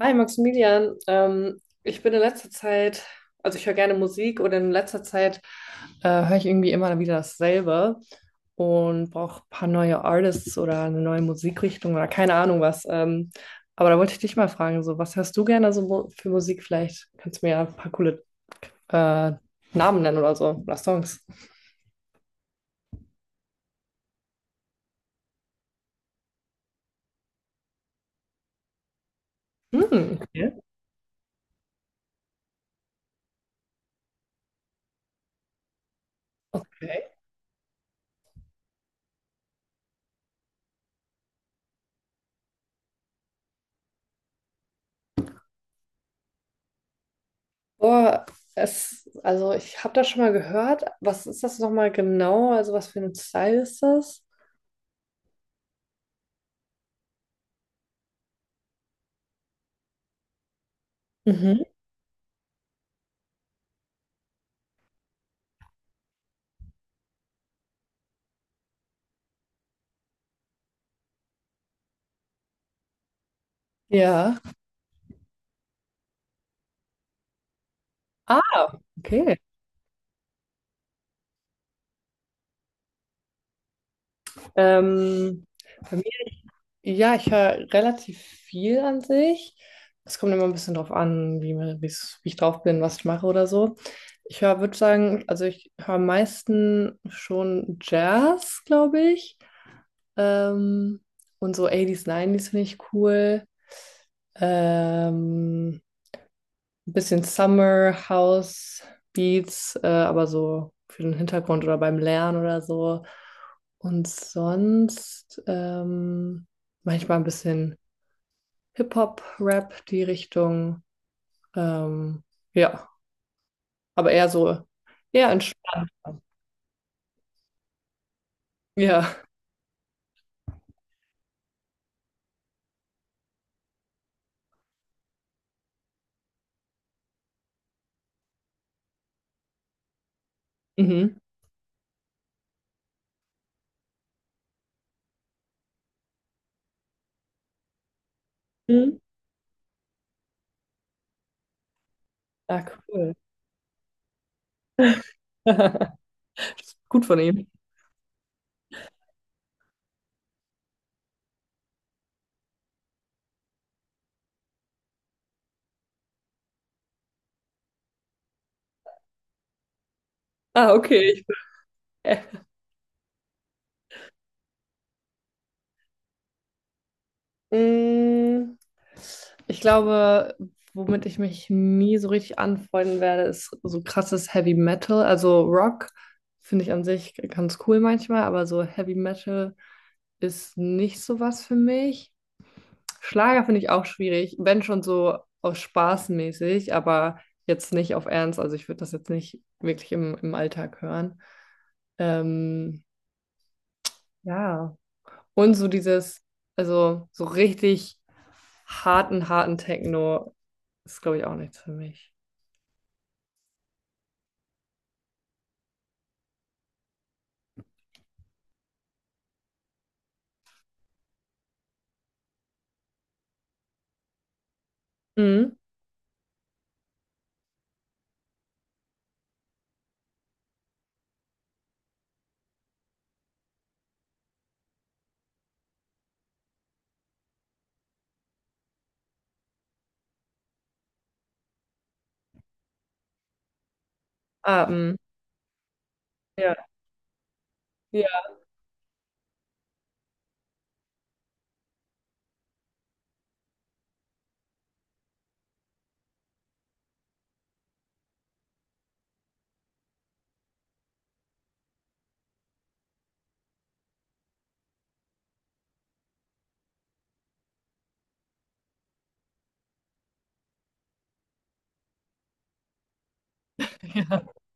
Hi Maximilian, ich bin in letzter Zeit, also ich höre gerne Musik, und in letzter Zeit höre ich irgendwie immer wieder dasselbe und brauche ein paar neue Artists oder eine neue Musikrichtung oder keine Ahnung was. Aber da wollte ich dich mal fragen, so was hörst du gerne so für Musik? Vielleicht kannst du mir ja ein paar coole äh, Namen nennen oder so oder Songs. Hm, okay. Okay. Boah, also ich habe das schon mal gehört. Was ist das nochmal genau? Also was für ein Style ist das? Ja. Ah, okay. Ähm, bei mir, ja, ich höre relativ viel an sich. Es kommt immer ein bisschen drauf an, wie ich drauf bin, was ich mache oder so. Ich höre, würde sagen, also ich höre am meisten schon Jazz, glaube ich. Ähm, und so 80s, finde ich cool. Ähm, ein bisschen Summer House Beats, aber so für den Hintergrund oder beim Lernen oder so. Und sonst manchmal ein bisschen Hip-Hop-Rap, die Richtung. Ähm, ja, aber eher entspannt. Ja. Mhm. Mhm. Ah, cool. Gut von ihm. Ah, okay. Ich bin Mm, ich glaube, womit ich mich nie so richtig anfreunden werde, ist so krasses Heavy Metal. Also Rock finde ich an sich ganz cool manchmal, aber so Heavy Metal ist nicht so was für mich. Schlager finde ich auch schwierig, wenn schon so aus Spaß mäßig, aber jetzt nicht auf Ernst. Also ich würde das jetzt nicht wirklich im Alltag hören. Ähm, ja. Und so dieses, also so richtig harten Techno ist, glaube ich, auch nichts für mich. Mhm. Ah, mm. Ja. Ja.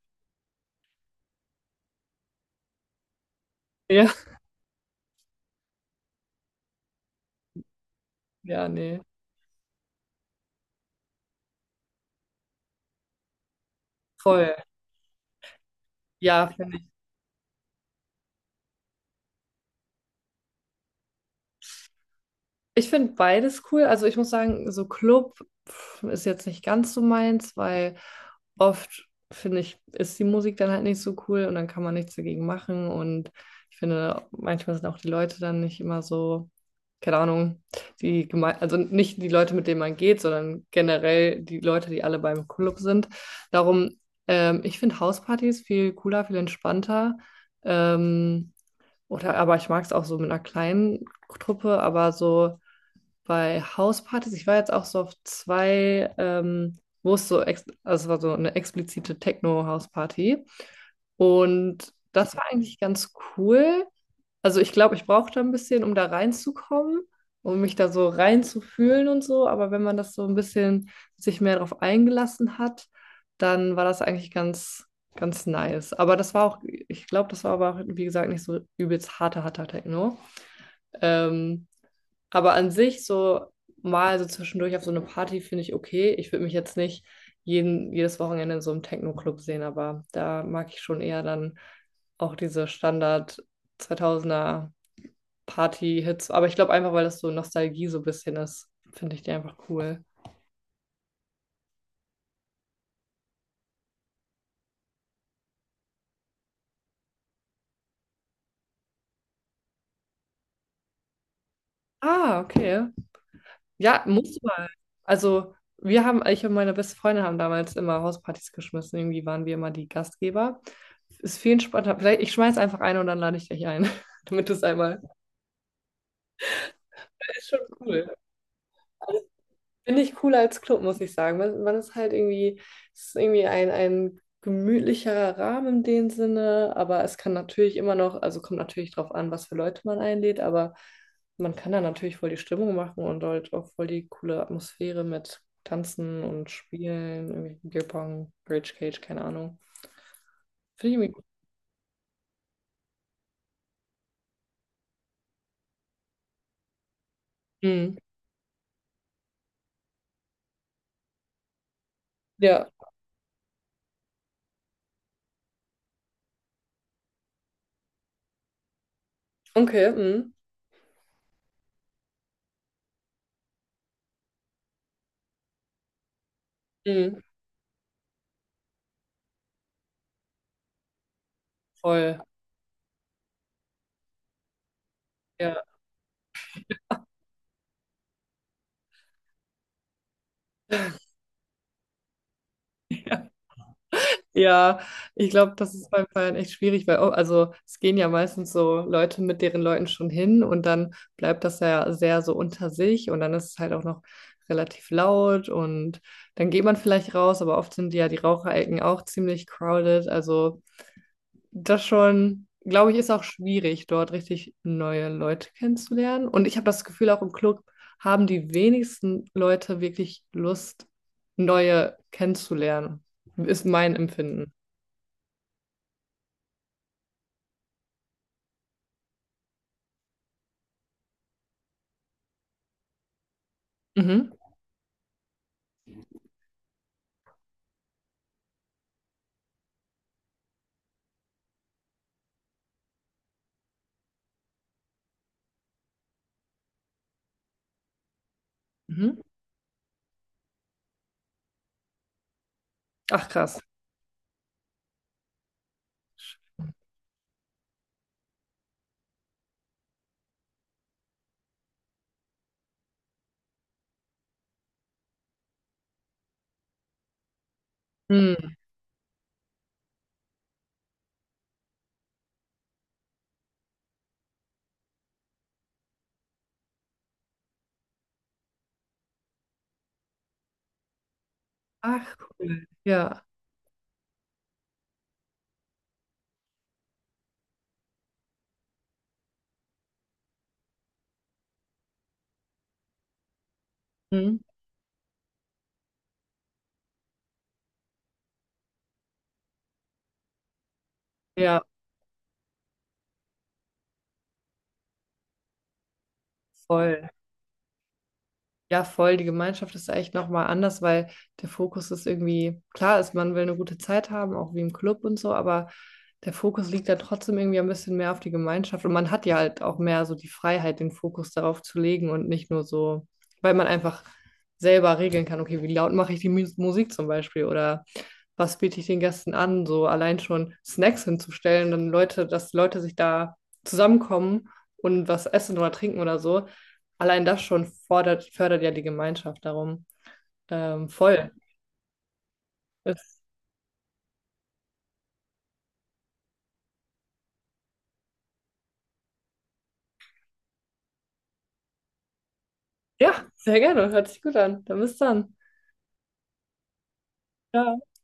Ja. Ja, nee. Voll. Ja, ich finde beides cool. Also ich muss sagen, so Club pf, ist jetzt nicht ganz so meins, weil oft finde ich, ist die Musik dann halt nicht so cool und dann kann man nichts dagegen machen. Und ich finde, manchmal sind auch die Leute dann nicht immer so, keine Ahnung, also nicht die Leute, mit denen man geht, sondern generell die Leute, die alle beim Club sind. Darum, ich finde Hauspartys viel cooler, viel entspannter. Ähm, aber ich mag es auch so mit einer kleinen Truppe, aber so bei Hauspartys, ich war jetzt auch so auf zwei, wo es so, ex also es war so eine explizite Techno-Hausparty. Und das war eigentlich ganz cool. Also ich glaube, ich brauchte ein bisschen, um da reinzukommen, um mich da so reinzufühlen und so. Aber wenn man das so ein bisschen sich mehr darauf eingelassen hat, dann war das eigentlich ganz nice. Aber das war auch, ich glaube, das war aber auch, wie gesagt, nicht so übelst harter Techno. Ähm, aber an sich so mal so zwischendurch auf so eine Party finde ich okay. Ich würde mich jetzt nicht jedes Wochenende in so einem Techno-Club sehen, aber da mag ich schon eher dann auch diese Standard 2000er Party-Hits. Aber ich glaube einfach, weil das so Nostalgie so ein bisschen ist, finde ich die einfach cool. Ah, okay. Ja, musst du mal. Also wir haben, ich und meine beste Freundin haben damals immer Hauspartys geschmissen. Irgendwie waren wir immer die Gastgeber. Ist viel entspannter. Vielleicht, ich schmeiß einfach ein und dann lade ich dich ein, damit du es einmal ist schon cool. Finde ich cooler als Club, muss ich sagen. Man ist halt irgendwie, es ist irgendwie ein gemütlicherer Rahmen in dem Sinne, aber es kann natürlich immer noch, also kommt natürlich drauf an, was für Leute man einlädt, aber man kann da natürlich voll die Stimmung machen und halt auch voll die coole Atmosphäre mit Tanzen und Spielen, irgendwie Bierpong, Rage Cage, keine Ahnung. Finde ich irgendwie gut. Mhm. Ja, okay, mhm. Mhm. Voll. Ja. Ja, ich glaube, das ist beim Feiern echt schwierig, weil, oh, also es gehen ja meistens so Leute mit deren Leuten schon hin und dann bleibt das ja sehr so unter sich und dann ist es halt auch noch relativ laut und dann geht man vielleicht raus, aber oft sind ja die Raucherecken auch ziemlich crowded. Also das schon, glaube ich, ist auch schwierig, dort richtig neue Leute kennenzulernen. Und ich habe das Gefühl, auch im Club haben die wenigsten Leute wirklich Lust, neue kennenzulernen. Ist mein Empfinden. Mhm. Mhm. Ach, krass. Mhm. Ach, cool. Ja. Mhm. Ja, voll. Ja, voll. Die Gemeinschaft ist echt nochmal anders, weil der Fokus ist irgendwie, klar ist, man will eine gute Zeit haben, auch wie im Club und so, aber der Fokus liegt dann trotzdem irgendwie ein bisschen mehr auf die Gemeinschaft. Und man hat ja halt auch mehr so die Freiheit, den Fokus darauf zu legen und nicht nur so, weil man einfach selber regeln kann, okay, wie laut mache ich die Musik zum Beispiel oder was biete ich den Gästen an, so allein schon Snacks hinzustellen, dann dass Leute sich da zusammenkommen und was essen oder trinken oder so. Allein das schon fördert ja die Gemeinschaft darum. Voll. Das, ja, sehr gerne. Hört sich gut an. Dann bis dann. Ja.